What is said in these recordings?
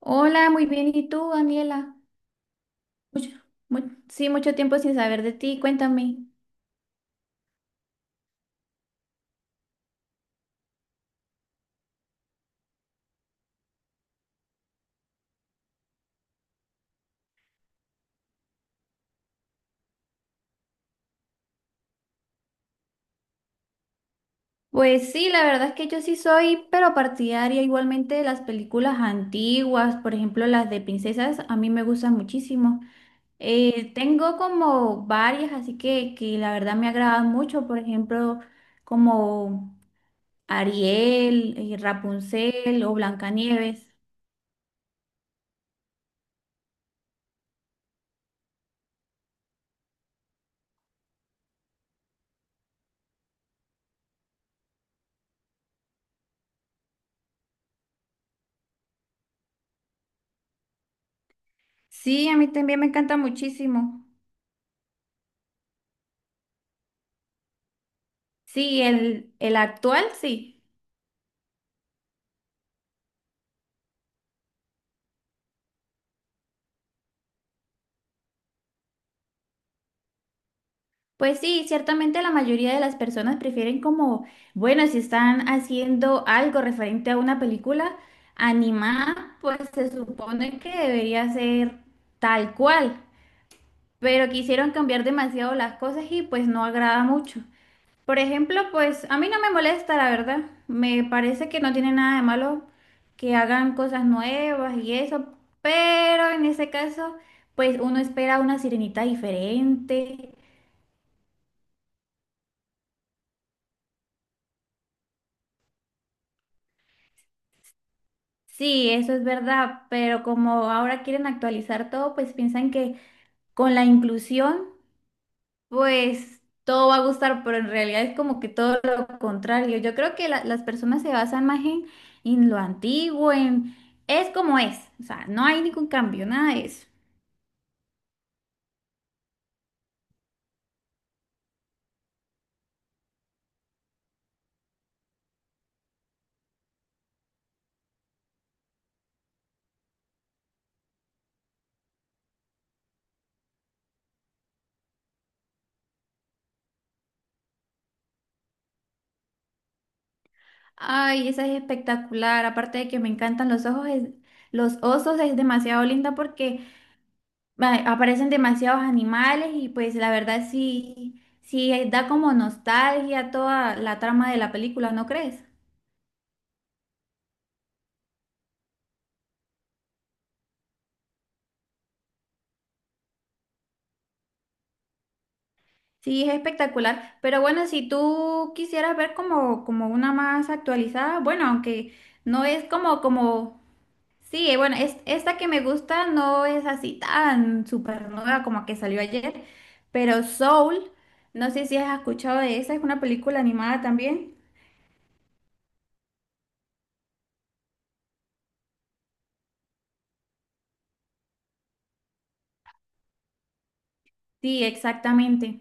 Hola, muy bien. ¿Y tú, Daniela? Mucho- mu- sí, mucho tiempo sin saber de ti. Cuéntame. Pues sí, la verdad es que yo sí soy, pero partidaria igualmente de las películas antiguas, por ejemplo, las de princesas, a mí me gustan muchísimo. Tengo como varias, así que la verdad me agradan mucho, por ejemplo, como Ariel, Rapunzel o Blancanieves. Sí, a mí también me encanta muchísimo. Sí, el actual, sí. Pues sí, ciertamente la mayoría de las personas prefieren como, bueno, si están haciendo algo referente a una película animada, pues se supone que debería ser tal cual, pero quisieron cambiar demasiado las cosas y pues no agrada mucho. Por ejemplo, pues a mí no me molesta, la verdad. Me parece que no tiene nada de malo que hagan cosas nuevas y eso, pero en ese caso, pues uno espera una sirenita diferente. Sí, eso es verdad, pero como ahora quieren actualizar todo, pues piensan que con la inclusión, pues todo va a gustar, pero en realidad es como que todo lo contrario. Yo creo que las personas se basan más en lo antiguo, en es como es, o sea, no hay ningún cambio, nada de eso. Ay, esa es espectacular, aparte de que me encantan los ojos, los osos es demasiado linda porque aparecen demasiados animales y pues la verdad sí, sí da como nostalgia toda la trama de la película, ¿no crees? Sí, es espectacular, pero bueno, si tú quisieras ver como una más actualizada, bueno, aunque no es como, sí, bueno, esta que me gusta no es así tan súper nueva como que salió ayer, pero Soul, no sé si has escuchado de esa, es una película animada también. Sí, exactamente.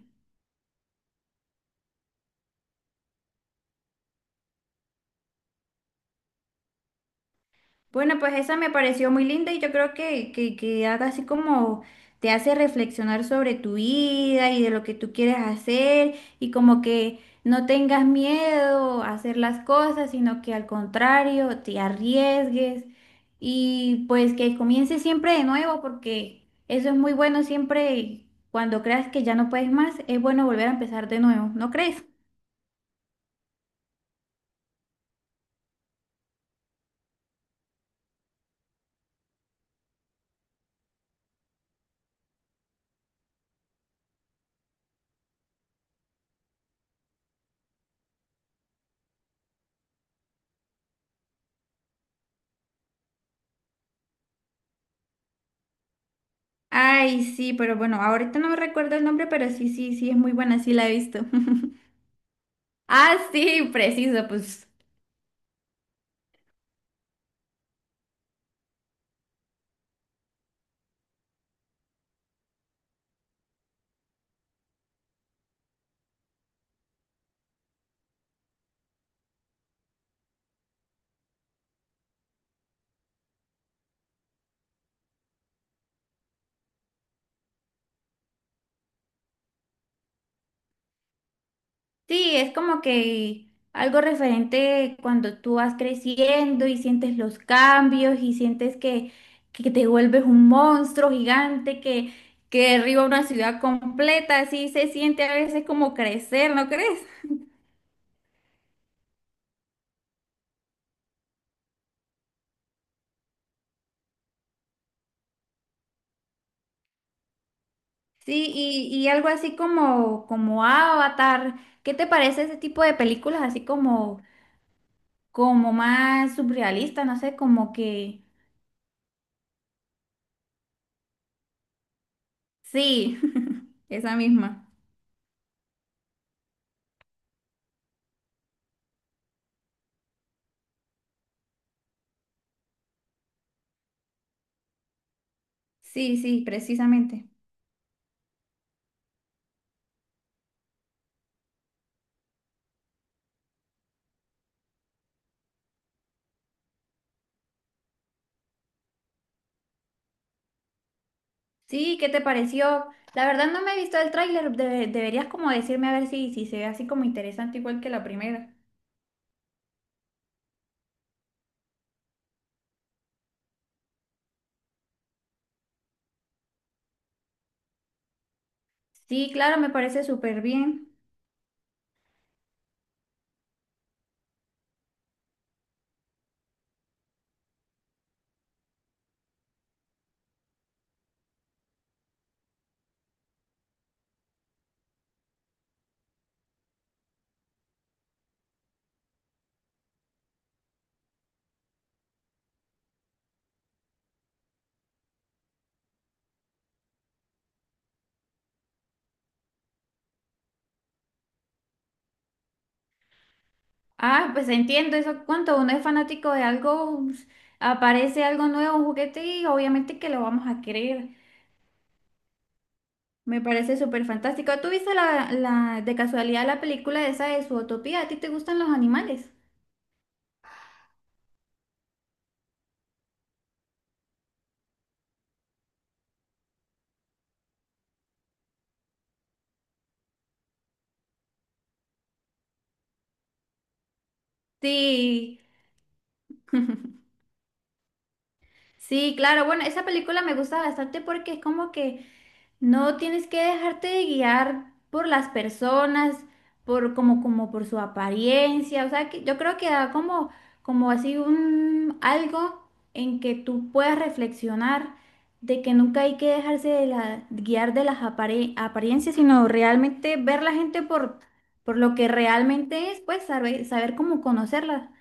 Bueno, pues esa me pareció muy linda y yo creo que, que haga así como te hace reflexionar sobre tu vida y de lo que tú quieres hacer y como que no tengas miedo a hacer las cosas, sino que al contrario te arriesgues y pues que comiences siempre de nuevo porque eso es muy bueno siempre cuando creas que ya no puedes más, es bueno volver a empezar de nuevo, ¿no crees? Ay, sí, pero bueno, ahorita no me recuerdo el nombre, pero sí, sí, sí, es muy buena, sí la he visto. Ah, sí, preciso, pues sí, es como que algo referente cuando tú vas creciendo y sientes los cambios y sientes que te vuelves un monstruo gigante que derriba una ciudad completa, así se siente a veces como crecer, ¿no crees? Sí, y algo así como Avatar, ¿qué te parece ese tipo de películas así como más surrealistas? No sé, como que sí, esa misma. Sí, sí, precisamente. Sí, ¿qué te pareció? La verdad no me he visto el tráiler, deberías como decirme a ver si se ve así como interesante igual que la primera. Sí, claro, me parece súper bien. Ah, pues entiendo eso, cuando uno es fanático de algo, pues, aparece algo nuevo, un juguete y obviamente que lo vamos a querer. Me parece súper fantástico. ¿Tú viste de casualidad la película esa de Utopía? ¿A ti te gustan los animales? Sí. Sí, claro, bueno, esa película me gusta bastante porque es como que no tienes que dejarte de guiar por las personas, por como por su apariencia, o sea, que yo creo que da como así un algo en que tú puedas reflexionar de que nunca hay que dejarse de guiar de las apariencias, sino realmente ver la gente por lo que realmente es, pues saber cómo conocerla.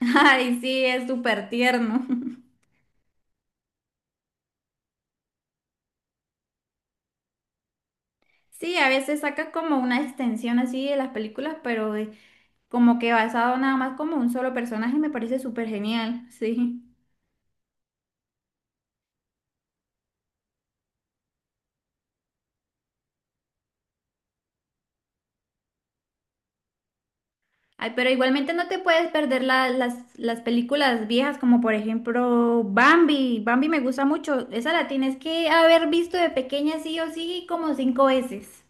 Ay, sí, es súper tierno. Sí, a veces saca como una extensión así de las películas, pero como que basado nada más como un solo personaje, me parece súper genial, sí. Ay, pero igualmente no te puedes perder las películas viejas, como por ejemplo Bambi. Bambi me gusta mucho. Esa la tienes que haber visto de pequeña sí o sí como cinco veces.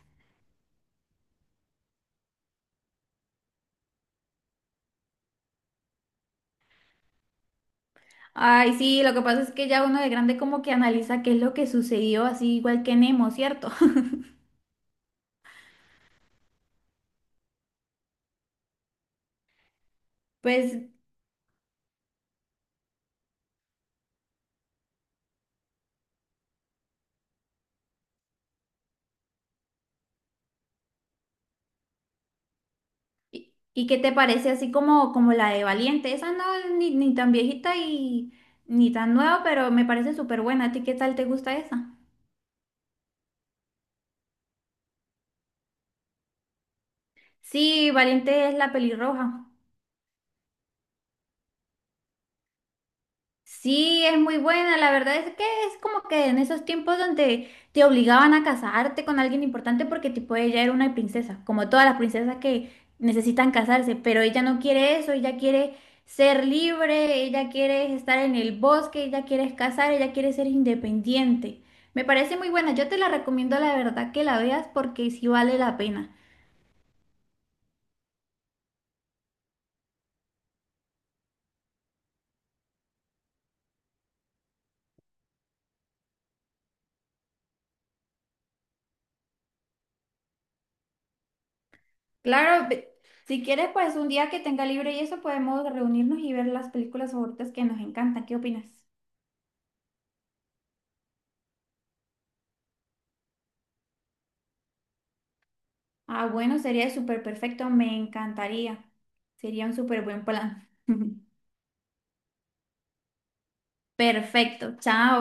Ay, sí, lo que pasa es que ya uno de grande como que analiza qué es lo que sucedió, así igual que Nemo, ¿cierto? Pues ¿y qué te parece así como la de Valiente? Esa no es ni tan viejita y ni tan nueva, pero me parece súper buena. ¿A ti qué tal te gusta esa? Sí, Valiente es la pelirroja. Sí, es muy buena. La verdad es que es como que en esos tiempos donde te obligaban a casarte con alguien importante porque tipo ella era una princesa, como todas las princesas que necesitan casarse, pero ella no quiere eso, ella quiere ser libre, ella quiere estar en el bosque, ella quiere casar, ella quiere ser independiente. Me parece muy buena. Yo te la recomiendo, la verdad, que la veas porque sí vale la pena. Claro, si quieres, pues un día que tenga libre y eso podemos reunirnos y ver las películas favoritas que nos encantan. ¿Qué opinas? Ah, bueno, sería súper perfecto, me encantaría. Sería un súper buen plan. Perfecto, chao.